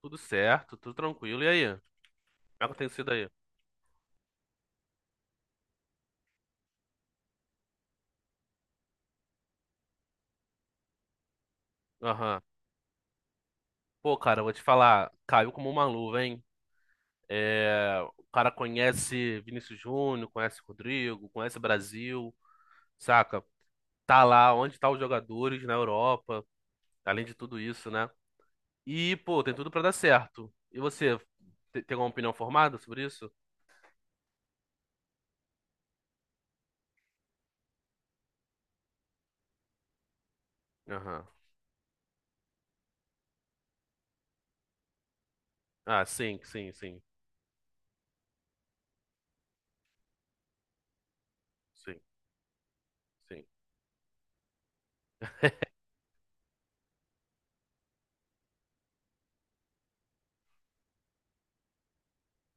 Tudo certo, tudo tranquilo. E aí? Como é que tem sido aí? Aham. Pô, cara, eu vou te falar, caiu como uma luva, hein? É, o cara conhece Vinícius Júnior, conhece Rodrigo, conhece Brasil, saca? Tá lá onde tá os jogadores na Europa, além de tudo isso, né? E, pô, tem tudo pra dar certo. E você, tem alguma opinião formada sobre isso? Aham. Ah, sim, sim, sim, sim, sim,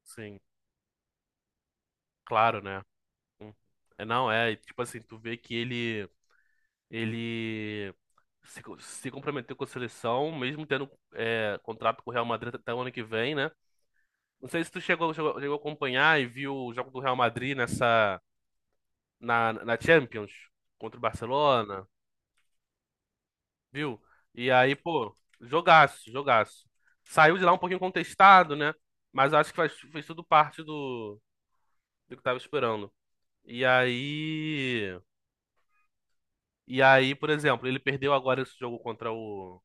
sim. Claro, né? Hum. É, não, é, tipo assim, tu vê que ele, ele se comprometeu com a seleção, mesmo tendo contrato com o Real Madrid até o ano que vem, né? Não sei se tu chegou a acompanhar e viu o jogo do Real Madrid na Champions contra o Barcelona, viu? E aí, pô, jogaço, jogaço. Saiu de lá um pouquinho contestado, né? Mas acho que fez tudo parte do que tava esperando. E aí. E aí, por exemplo, ele perdeu agora esse jogo contra o.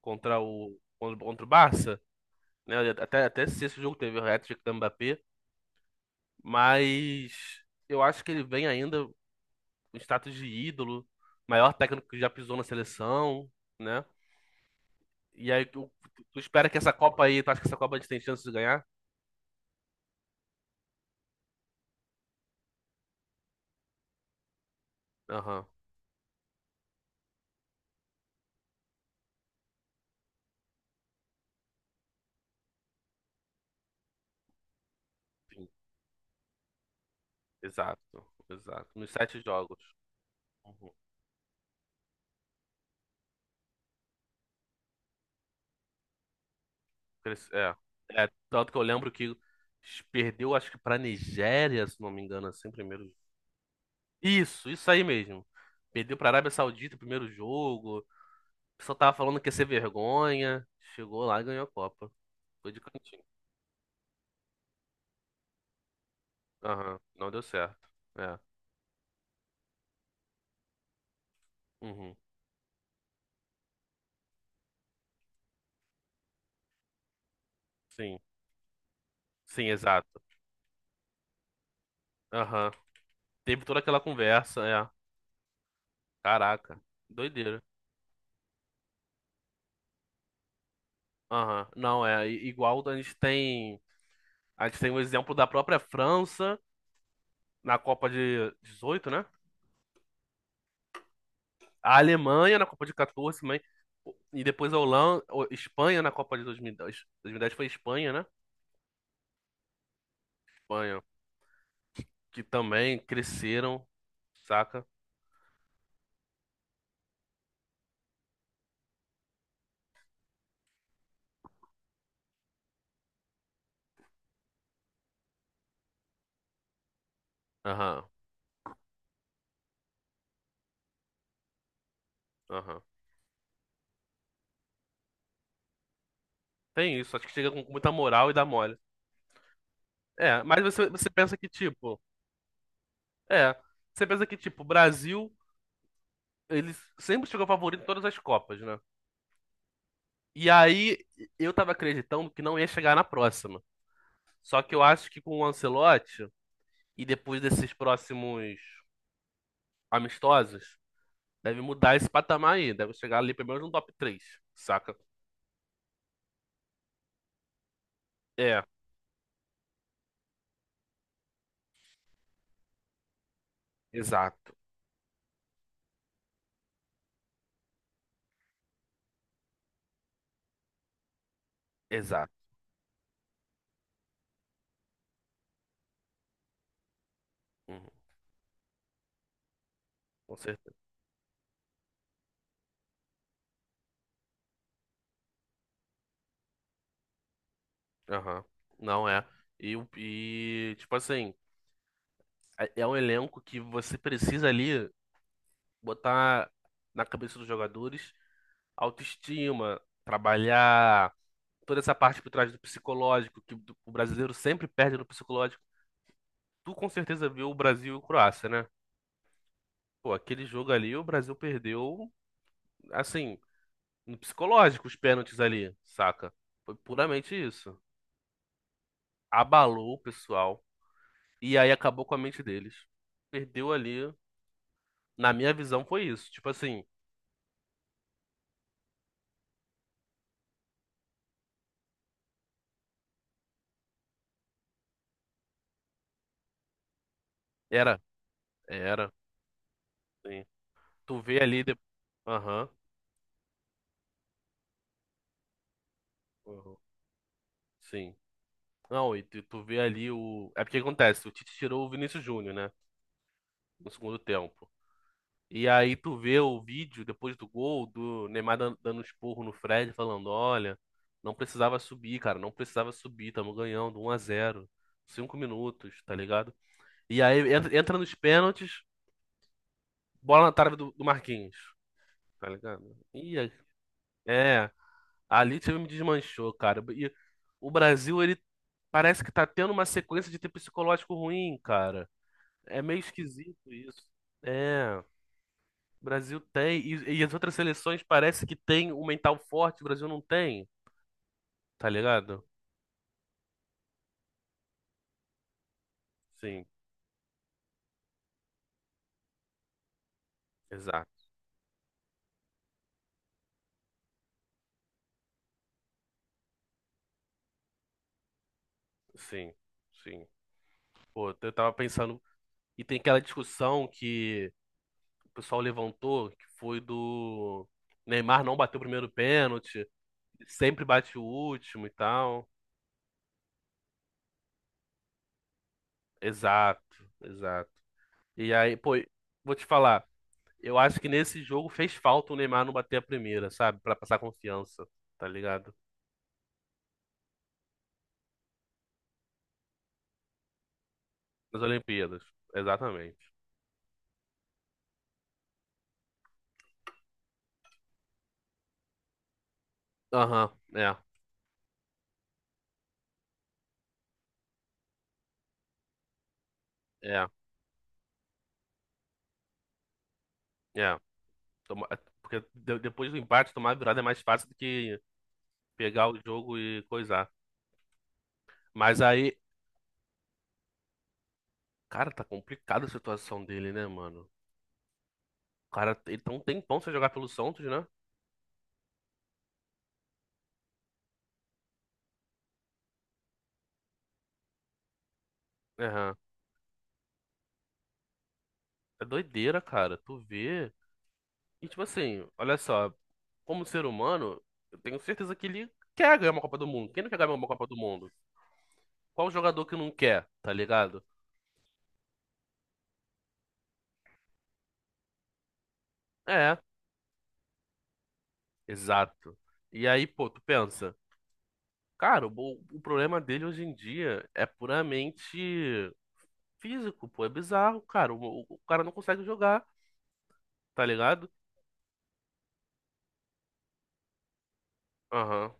Contra o. Contra o Barça. Né? Até se esse jogo teve o hat-trick do Mbappé, mas eu acho que ele vem ainda com status de ídolo, maior técnico que já pisou na seleção, né? E aí tu espera que essa Copa aí, tu acha que essa Copa a gente tem chance de ganhar? Aham, sim, exato, exato. Nos 7 jogos. Uhum. Cres- É, é, tanto que eu lembro que perdeu, acho que pra Nigéria, se não me engano, assim, primeiro. Isso aí mesmo. Perdeu pra Arábia Saudita o primeiro jogo. O pessoal tava falando que ia ser vergonha. Chegou lá e ganhou a Copa. Foi de cantinho. Aham, não deu certo. É. Uhum. Sim, sim, exato. Aham. Teve toda aquela conversa, é. Caraca, doideira. Aham. Não, é. Igual a gente tem. A gente tem o exemplo da própria França na Copa de 18, né? A Alemanha na Copa de 14, mas. E depois a Holanda, Espanha na Copa de 2010. 2010 foi Espanha, né? Espanha. Que também cresceram, saca? Aham, aham. Tem isso, acho que chega com muita moral e dá mole. É, mas você pensa que, tipo, é, você pensa que, tipo, o Brasil, ele sempre chegou favorito em todas as Copas, né? E aí, eu tava acreditando que não ia chegar na próxima. Só que eu acho que com o Ancelotti, e depois desses próximos amistosos, deve mudar esse patamar aí, deve chegar ali pelo menos no top três, saca? É, exato, exato. Uhum, com certeza. Aham, não é. E, tipo assim. É um elenco que você precisa ali botar na cabeça dos jogadores autoestima, trabalhar toda essa parte por trás do psicológico, que o brasileiro sempre perde no psicológico. Tu com certeza viu o Brasil e o Croácia, né? Pô, aquele jogo ali, o Brasil perdeu, assim, no psicológico, os pênaltis ali, saca? Foi puramente isso. Abalou o pessoal e aí acabou com a mente deles. Perdeu ali, na minha visão, foi isso. Tipo assim, era, era. Tu vê ali. Aham. Uhum. Sim. Não, e tu vê ali o. É porque acontece, o Tite tirou o Vinícius Júnior, né? No segundo tempo. E aí tu vê o vídeo depois do gol do Neymar dando um esporro no Fred, falando: olha, não precisava subir, cara, não precisava subir, tamo ganhando 1-0 5 minutos, tá ligado? E aí entra nos pênaltis, bola na trave do Marquinhos, tá ligado? É. Ali o time me desmanchou, cara. E o Brasil, ele parece que tá tendo uma sequência de ter psicológico ruim, cara. É meio esquisito isso. É, o Brasil tem. E as outras seleções parece que tem um mental forte, o Brasil não tem, tá ligado? Sim, exato. Sim, sim. Pô, eu tava pensando. E tem aquela discussão que o pessoal levantou, que foi do Neymar não bateu o primeiro pênalti, sempre bate o último e tal. Exato, exato. E aí, pô, vou te falar, eu acho que nesse jogo fez falta o Neymar não bater a primeira, sabe? Pra passar confiança, tá ligado? Nas Olimpíadas, exatamente. Aham, é, é, é. Toma- Porque depois do empate, tomar a virada é mais fácil do que pegar o jogo e coisar. Mas aí, cara, tá complicada a situação dele, né, mano? O cara, ele tá um tempão sem jogar pelo Santos, né? Aham. É doideira, cara. Tu vê. E tipo assim, olha só. Como ser humano, eu tenho certeza que ele quer ganhar uma Copa do Mundo. Quem não quer ganhar uma Copa do Mundo? Qual jogador que não quer, tá ligado? É, exato. E aí, pô, tu pensa, cara, o problema dele hoje em dia é puramente físico, pô, é bizarro, cara. O cara não consegue jogar, tá ligado? Aham.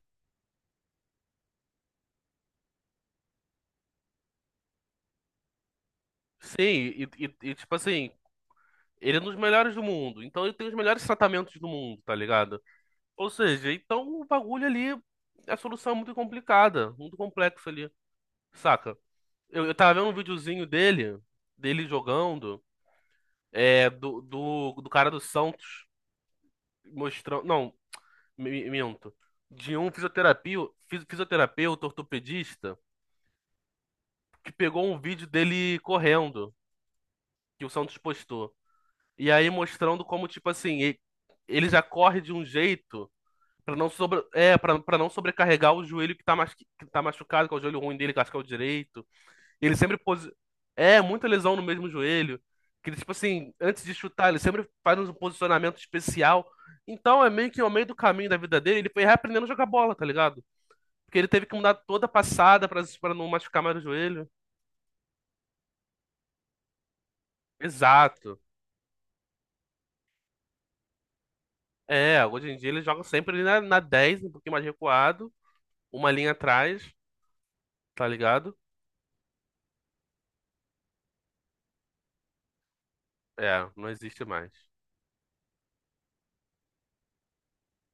Sim, e, tipo assim, ele é um dos melhores do mundo, então ele tem os melhores tratamentos do mundo, tá ligado? Ou seja, então o bagulho ali, é a solução é muito complicada, muito complexa ali. Saca? Eu tava vendo um videozinho dele, dele jogando, do cara do Santos mostrando. Não, minto. De um fisioterapia, fisioterapeuta, ortopedista, que pegou um vídeo dele correndo, que o Santos postou. E aí mostrando como, tipo assim, ele já corre de um jeito pra não para não sobrecarregar o joelho que tá machucado, que é o joelho ruim dele, que eu acho que é o direito. Ele sempre. É, muita lesão no mesmo joelho. Que ele, tipo assim, antes de chutar, ele sempre faz um posicionamento especial. Então é meio que ao meio do caminho da vida dele, ele foi reaprendendo a jogar bola, tá ligado? Porque ele teve que mudar toda a passada pra não machucar mais o joelho. Exato. É, hoje em dia ele joga sempre ali na, na 10, um pouquinho mais recuado, uma linha atrás, tá ligado? É, não existe mais.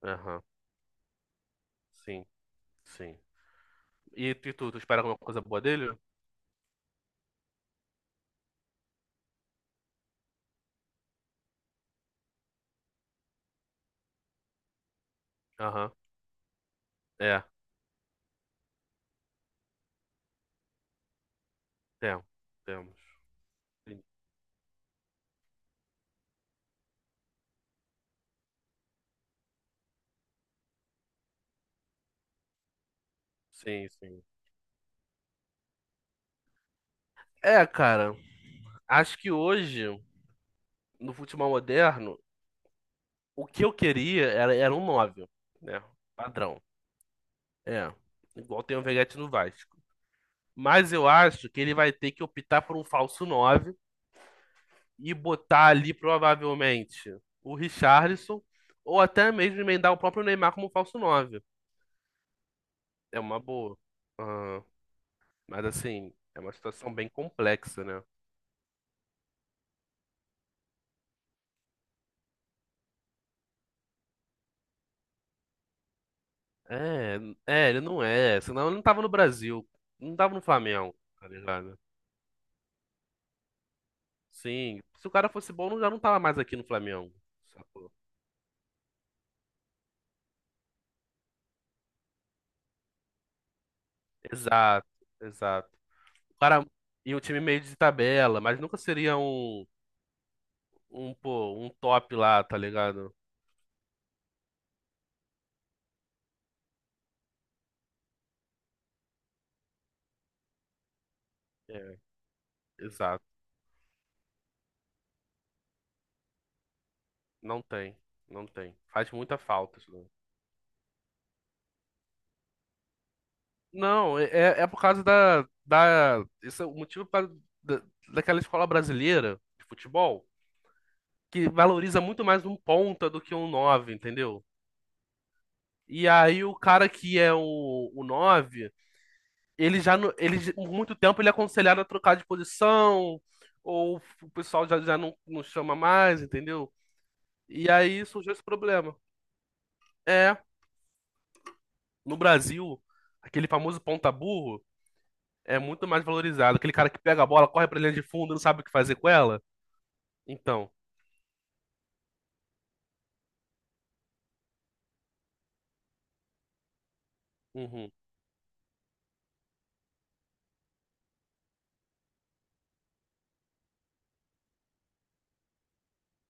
Aham, sim, sim. E tu espera alguma coisa boa dele? Aham, é, temos, temos. Sim, sim. É, cara, acho que hoje, no futebol moderno, o que eu queria era um nove, né? Padrão. É. Igual tem o Veguete no Vasco. Mas eu acho que ele vai ter que optar por um falso 9 e botar ali provavelmente o Richarlison ou até mesmo emendar o próprio Neymar como falso nove. É uma boa. Aham. Mas assim, é uma situação bem complexa, né? É, é, ele não é. Senão ele não tava no Brasil. Não tava no Flamengo, tá ligado? Sim. Se o cara fosse bom, já não tava mais aqui no Flamengo. Sacou? Exato, exato. O cara e um time meio de tabela, mas nunca seria um, pô, um top lá, tá ligado? É, exato. Não tem, não tem. Faz muita falta isso daí. Não, é, é por causa da. Esse é o motivo por causa da, daquela escola brasileira de futebol. Que valoriza muito mais um ponta do que um 9, entendeu? E aí o cara que é o 9, ele já não- ele já- por muito tempo ele é aconselhado a trocar de posição, ou o pessoal já não chama mais, entendeu? E aí surgiu esse problema. É, no Brasil, aquele famoso ponta burro é muito mais valorizado. Aquele cara que pega a bola, corre pra linha de fundo, não sabe o que fazer com ela. Então, uhum,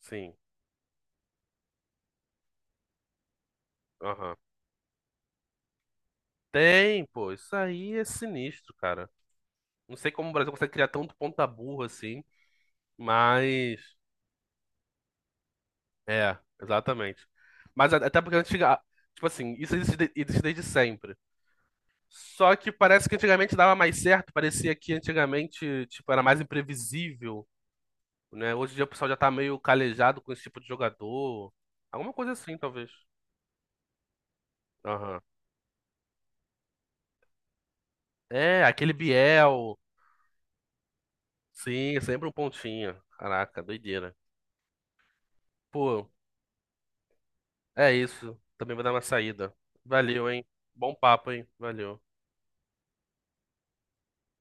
sim, aham. Tem, pô, isso aí é sinistro, cara. Não sei como o Brasil consegue criar tanto ponta burra assim, mas. É, exatamente. Mas até porque antes. Tipo assim, isso existe, existe desde sempre. Só que parece que antigamente dava mais certo, parecia que antigamente, tipo, era mais imprevisível, né? Hoje em dia o pessoal já tá meio calejado com esse tipo de jogador. Alguma coisa assim, talvez. Aham. É, aquele Biel. Sim, é sempre um pontinho. Caraca, doideira. Pô, é isso. Também vou dar uma saída. Valeu, hein? Bom papo, hein? Valeu.